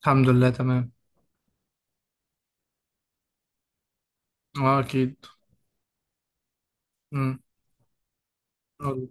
الحمد لله تمام. اه، اكيد. امم قول.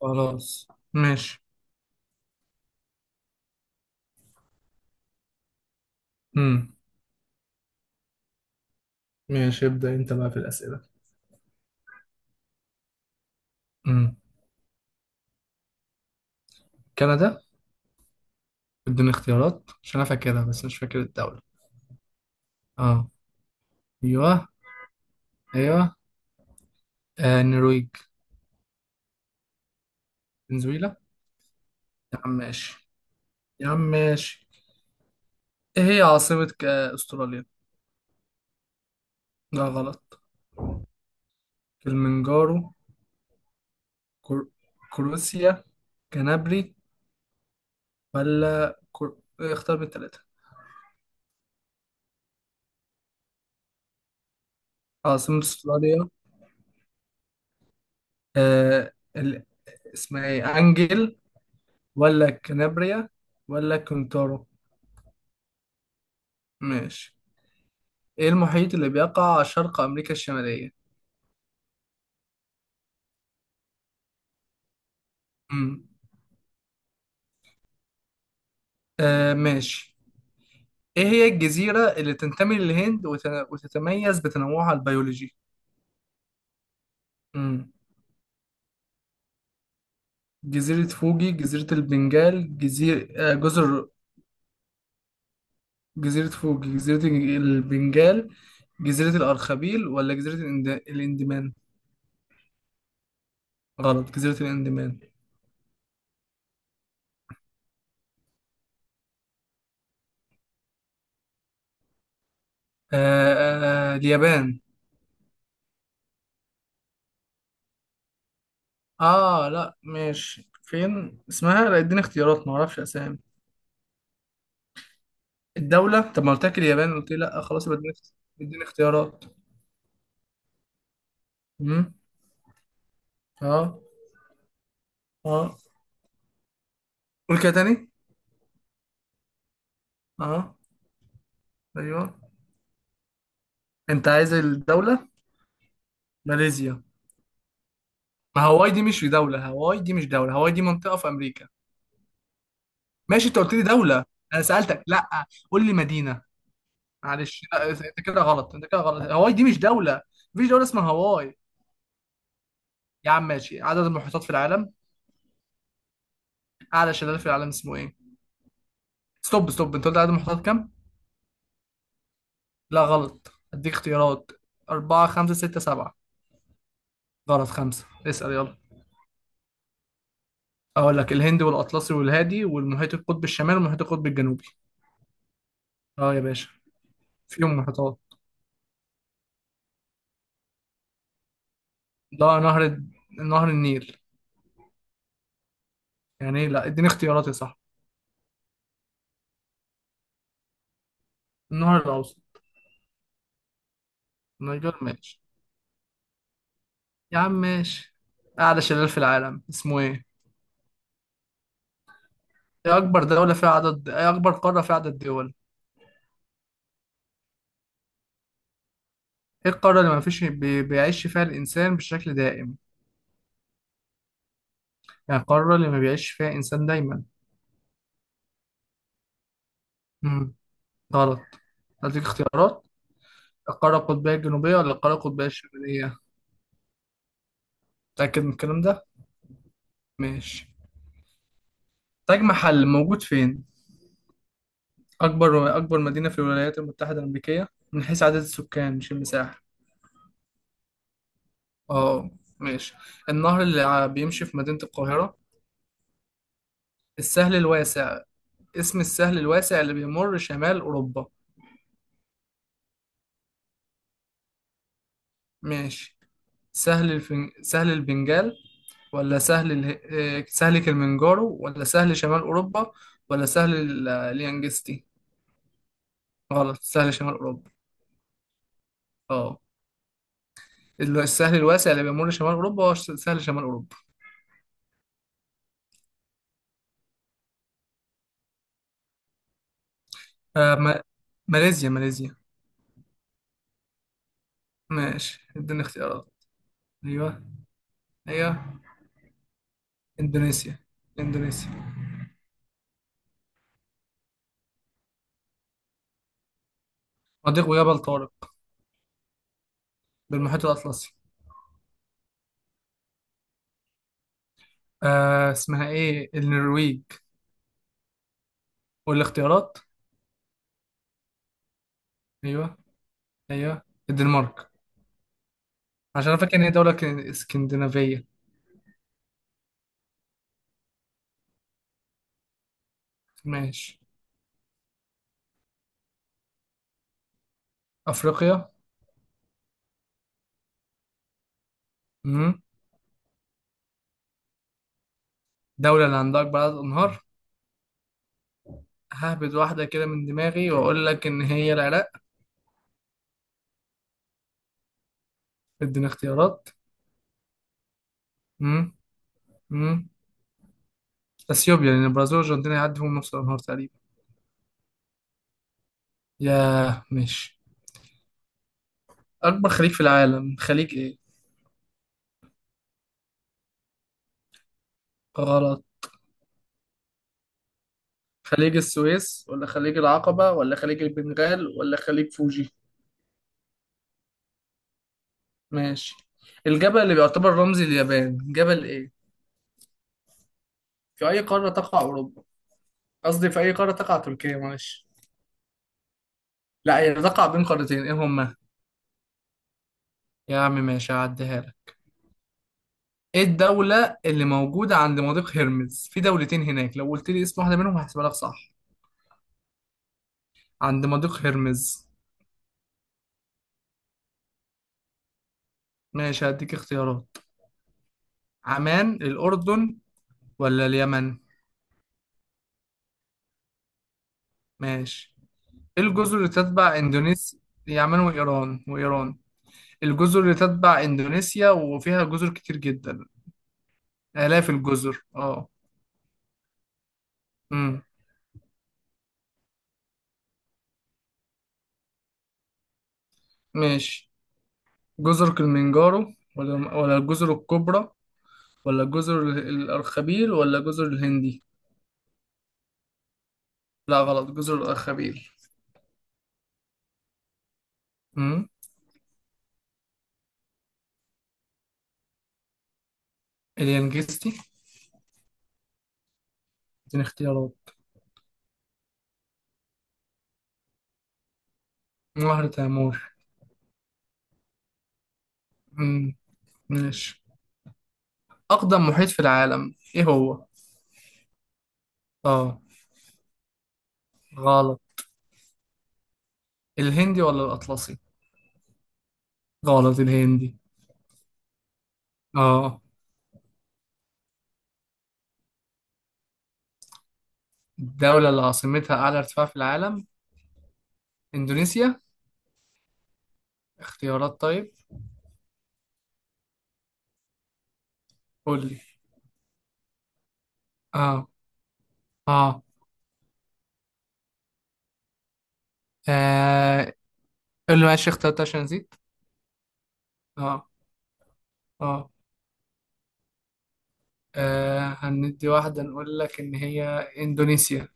خلاص. ماشي. امم ماشي، ابدأ انت بقى في الأسئلة. امم كندا. اديني اختيارات عشان انا فاكرها بس مش فاكر الدولة. اه. ايوه. ايوه. آه، النرويج. فنزويلا. يا عم ماشي. يا عم ماشي. ايه هي عاصمة استراليا؟ لا، غلط. كلمنجارو، كر... كروسيا، كنابري، ولا اختار من التلاتة. عاصمة استراليا. آه ال- اسمها ايه، انجل، ولا كنابريا، ولا كونتورو؟ ماشي. ايه المحيط اللي بيقع شرق امريكا الشمالية؟ امم آه، ماشي. ايه هي الجزيرة اللي تنتمي للهند وتتميز بتنوعها البيولوجي؟ امم جزيرة فوجي، جزيرة البنجال، جزيرة جزر. جزيرة فوجي، جزيرة البنجال، جزيرة الأرخبيل، ولا جزيرة الإندمان؟ غلط، جزيرة الإندمان. اليابان. اه، لا، ماشي، فين اسمها؟ لا، اديني اختيارات، ما اعرفش اسامي. الدولة؟ طب ما قلت لك اليابان قلت لي لا، خلاص يبقى اديني اختيارات. امم اه. اه، قول كده تاني. اه. ايوه. انت عايز الدولة؟ ماليزيا. ما هواي دي مش دولة، هواي دي مش دولة، هواي دي منطقة في امريكا. ماشي، انت قلت لي دولة. انا سألتك لا. قول لي مدينة. معلش لا، انت كده غلط، انت كده غلط، هواي دي مش دولة. مفيش دولة اسمها هواي. يا عم ماشي، عدد المحيطات في العالم؟ اعلى شلال في العالم اسمه ايه؟ ستوب، ستوب، انت قلت عدد المحتويات كام؟ لا، غلط، اديك اختيارات. أربعة، خمسة، ستة، سبعة. غلط، خمسة. اسأل يلا. أقول لك الهند والأطلسي والهادي والمحيط القطب الشمالي والمحيط القطب الجنوبي. أه يا باشا. فيهم محيطات. ده نهر النيل. يعني إيه؟ لا، اديني اختيارات يا صاحبي. النهر الأوسط. نيجر ماشي. يا عم ماشي. أعلى شلال في العالم اسمه إيه؟ إيه أكبر دولة فيها عدد إيه أكبر قارة فيها عدد دول؟ إيه القارة اللي ما فيش بيعيش فيها الإنسان بشكل دائم؟ يعني القارة اللي ما بيعيش فيها إنسان دايما. مم. غلط. هديك اختيارات. القارة القطبية الجنوبية ولا القارة القطبية الشمالية؟ متأكد من الكلام ده؟ ماشي. تاج محل موجود فين؟ أكبر مدينة في الولايات المتحدة الأمريكية، من حيث عدد السكان مش المساحة. اه. ماشي. النهر اللي بيمشي في مدينة القاهرة. السهل الواسع. اسم السهل الواسع اللي بيمر شمال أوروبا. ماشي. سهل البنجال، ولا سهل كلمنجارو، ولا سهل شمال أوروبا، ولا اليانجستي. غلط، سهل شمال أوروبا. اه، السهل الواسع اللي بيمر شمال أوروبا هو سهل شمال أوروبا. آه ما... ماليزيا، ماليزيا. ماشي، اديني اختيارات. أيوه، أيوه. إندونيسيا، إندونيسيا. مضيق جبل طارق. بالمحيط الأطلسي. اسمها إيه، النرويج؟ والاختيارات. أيوه، أيوه، الدنمارك. عشان أنا فاكر إن هي دولة اسكندنافية. ماشي. أفريقيا. مم. دولة اللي عندها أكبر عدد أنهار. ههبد واحدة كده من دماغي وأقول لك إن هي العراق. ادينا اختيارات. امم امم اثيوبيا لان البرازيل والارجنتين هيعدوا نص النهار تقريبا. ياه، ماشي. اكبر خليج في العالم خليج ايه؟ غلط. خليج السويس ولا خليج العقبة ولا خليج البنغال ولا خليج فوجي؟ ماشي. الجبل اللي بيعتبر رمز اليابان جبل ايه؟ في اي قارة تقع اوروبا؟ قصدي في اي قارة تقع تركيا، معلش. لا، هي تقع بين قارتين، ايه هما؟ يا عم ماشي، هعديها لك. ايه الدولة اللي موجودة عند مضيق هرمز، في دولتين هناك، لو قلت لي اسم واحدة منهم هحسبها لك صح. عند مضيق هرمز. ماشي، هديك اختيارات. عمان، الأردن، ولا اليمن؟ ماشي. إيه الجزر اللي تتبع إندونيسيا؟ هي عمان وإيران الجزر اللي تتبع إندونيسيا وفيها جزر كتير جدا. آلاف الجزر، اه. امم ماشي. جزر كلمنجارو، ولا الجزر الكبرى، ولا جزر الأرخبيل، ولا جزر الهندي؟ لا، غلط، جزر الأرخبيل. امم اليانجستي. اديني اختيارات. نهر تامور. امم ماشي. أقدم محيط في العالم إيه هو؟ آه. غلط. الهندي ولا الأطلسي؟ غلط، الهندي. آه. الدولة اللي عاصمتها أعلى ارتفاع في العالم. إندونيسيا. اختيارات طيب. قول لي. آه آه آه، قول لي، ماشي، اختيارات عشان نسيت. آه آه هندي واحدة نقول لك إن هي إندونيسيا.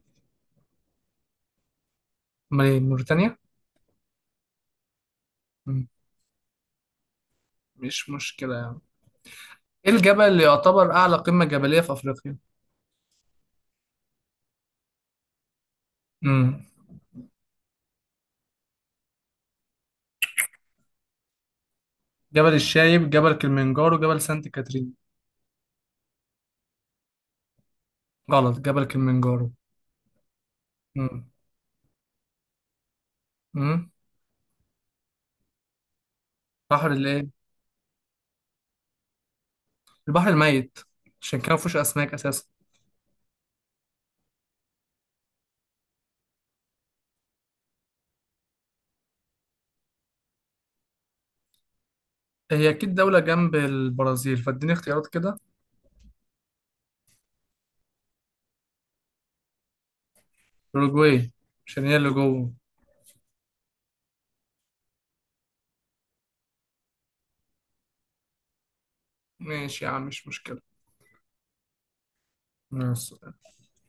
أمال إيه موريتانيا؟ مم، مش مشكلة يعني. إيه الجبل اللي يعتبر أعلى قمة جبلية في أفريقيا؟ مم. جبل الشايب، جبل كليمنجارو، جبل سانت كاترين. غلط، جبل كليمنجارو. مم. مم. بحر الايه. البحر الميت. عشان كده مفيهوش اسماك اساسا. هي اكيد دولة جنب البرازيل، فاديني اختيارات كده. اوروجواي. عشان هي اللي جوه. ماشي يا عم، مش مشكلة. ماشي.